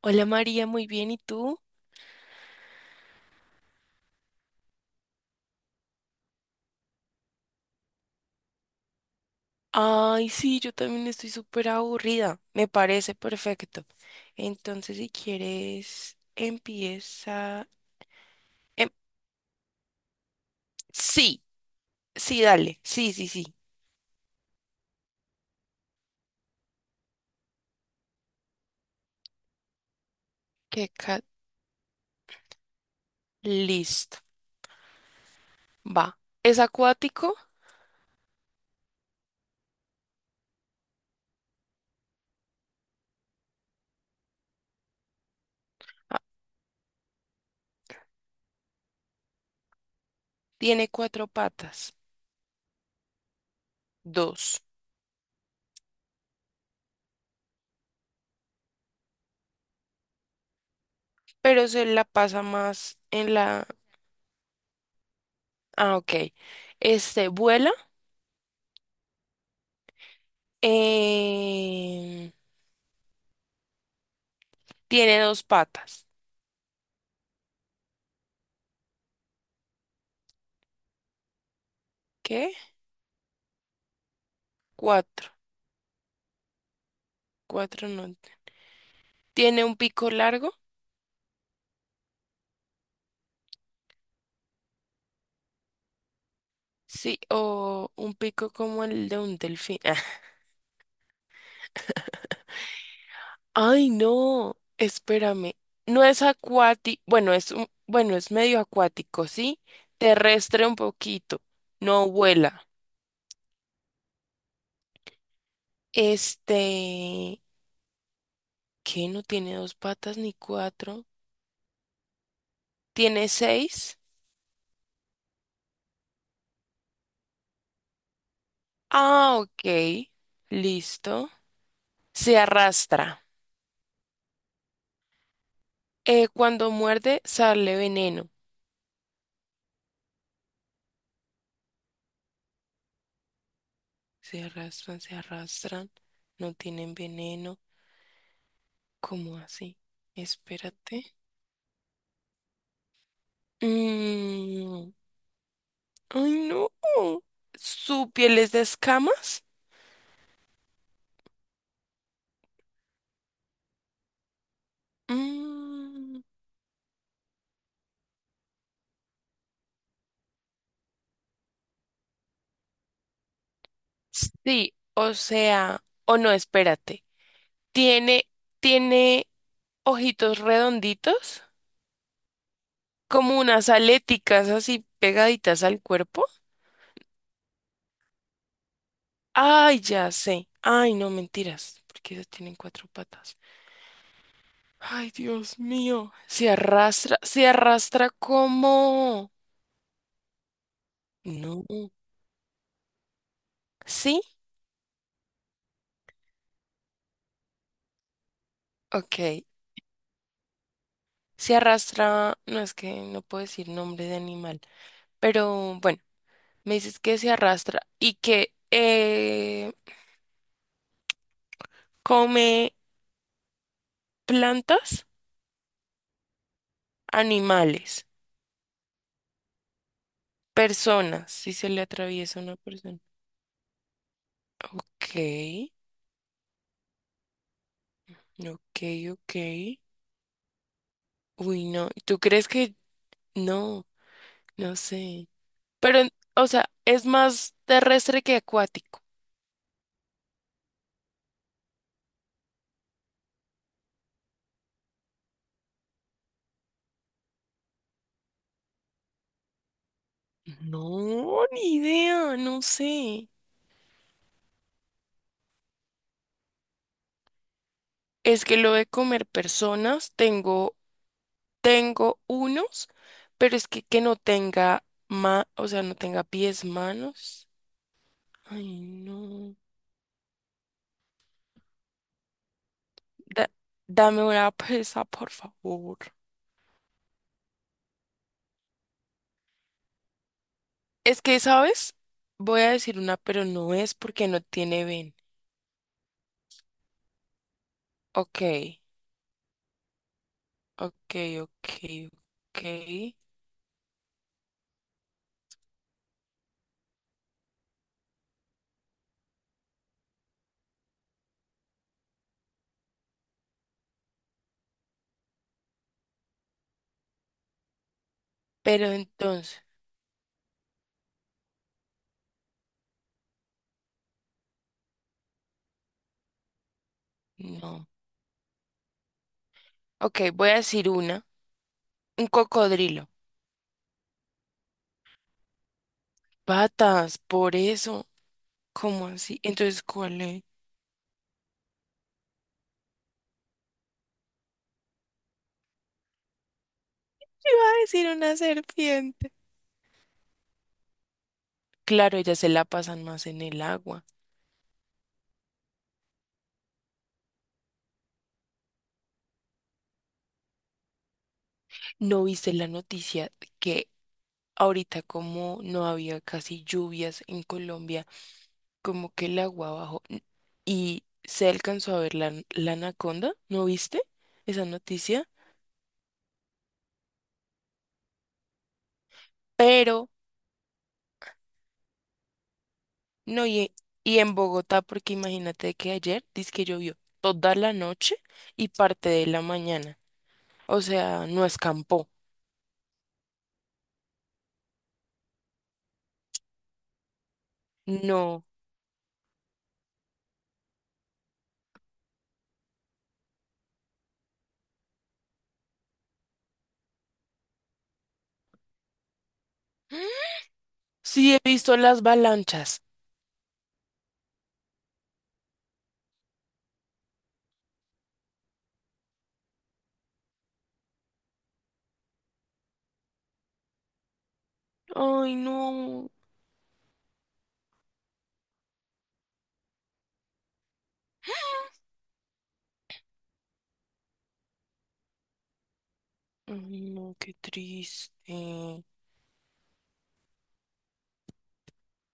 Hola María, muy bien, ¿y tú? Ay, sí, yo también estoy súper aburrida, me parece perfecto. Entonces, si quieres, empieza... em- sí, sí, dale, sí, sí, sí. Qué ca- Listo, va. Es acuático, tiene cuatro patas, dos, pero se la pasa más en la... Ah, ok. Este, vuela, em, tiene dos patas, ¿qué? Cuatro, cuatro no. ¿Tiene un pico largo? Sí, o un pico como el de un delfín. Ah. Ay, no, espérame. No es acuático, bueno, es un, bueno, es medio acuático, ¿sí? Terrestre un poquito, no vuela. Este, ¿qué? No tiene dos patas ni cuatro. ¿Tiene seis? Ah, ok, listo. Se arrastra. Cuando muerde, sale veneno. Se arrastran, no tienen veneno. ¿Cómo así? Espérate. Mm, ay, no. ¿Su piel es de escamas? Mm, sí, o sea, o no, espérate. Tiene, tiene ojitos redonditos, como unas aléticas así pegaditas al cuerpo. Ay, ya sé. Ay, no, mentiras, porque ellos tienen cuatro patas. Ay, Dios mío. Se arrastra como... No. Sí. Ok, se arrastra, no es que no puedo decir nombre de animal, pero bueno, me dices que se arrastra y que come plantas, animales, personas, si se le atraviesa una persona. Ok, ok, ok. Uy, no, ¿tú crees que no? No sé. Pero, o sea, es más terrestre que acuático. No, ni idea, no sé. Es que lo de comer personas, tengo Tengo unos, pero es que no tenga ma, o sea, no tenga pies, manos. Ay, no. Da- dame una presa, por favor. Es que, ¿sabes? Voy a decir una, pero no es porque no tiene ven. Ok, ok, ok, ok. Pero entonces, no. Ok, voy a decir una. Un cocodrilo. Patas, por eso. ¿Cómo así? Entonces, ¿cuál es? Iba a decir una serpiente. Claro, ellas se la pasan más en el agua. ¿No viste la noticia que ahorita como no había casi lluvias en Colombia, como que el agua bajó y se alcanzó a ver la, la anaconda? ¿No viste esa noticia? Pero, no, y en Bogotá, porque imagínate que ayer que llovió toda la noche y parte de la mañana. O sea, no escampó. No. Sí, he visto las avalanchas. Ay, no. No, qué triste.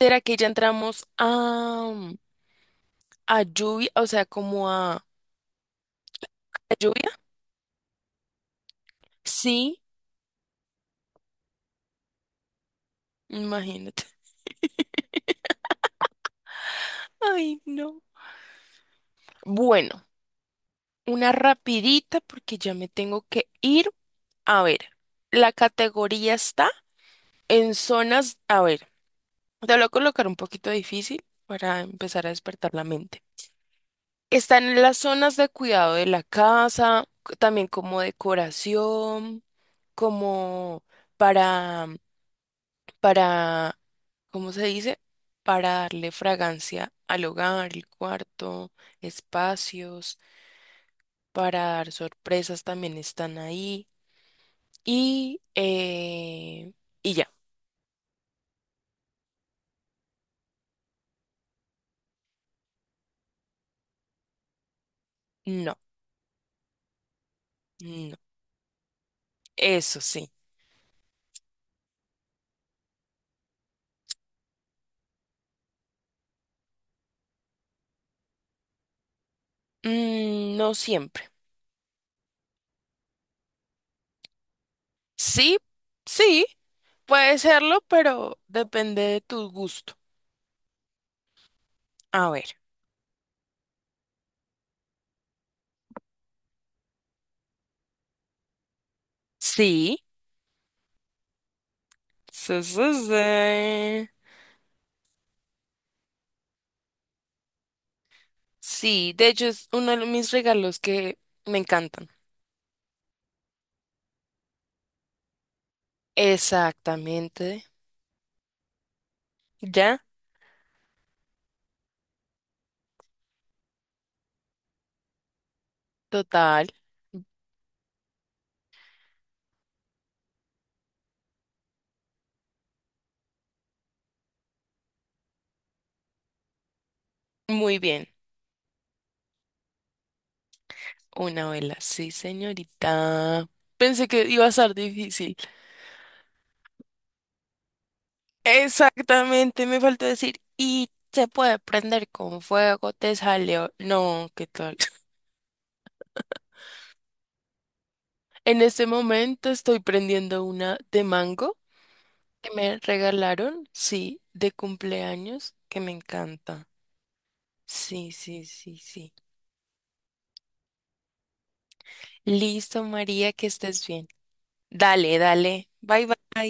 ¿Será que ya entramos a lluvia? O sea, como ¿a lluvia? Sí, imagínate. Ay, no. Bueno, una rapidita porque ya me tengo que ir. A ver, la categoría está en zonas. A ver, te lo voy a colocar un poquito difícil para empezar a despertar la mente. Están en las zonas de cuidado de la casa, también como decoración. Como para, para, ¿cómo se dice? Para darle fragancia al hogar, el cuarto, espacios, para dar sorpresas también están ahí. Y, eh, y ya, no, no, eso sí, mm, no siempre. Sí, sí, puede serlo, pero depende de tu gusto. A ver, sí. Sí, sí, sí. Sí, de hecho es uno de mis regalos que me encantan. Exactamente. Ya, total. Muy bien. Una vela. Sí, señorita. Pensé que iba a ser difícil. Exactamente, me faltó decir. Y se puede prender con fuego, te salió. No, ¿qué tal? En este momento estoy prendiendo una de mango que me regalaron, sí, de cumpleaños, que me encanta. Sí, sí, sí, sí. Listo, María, que estés bien. Dale, dale. Bye, bye.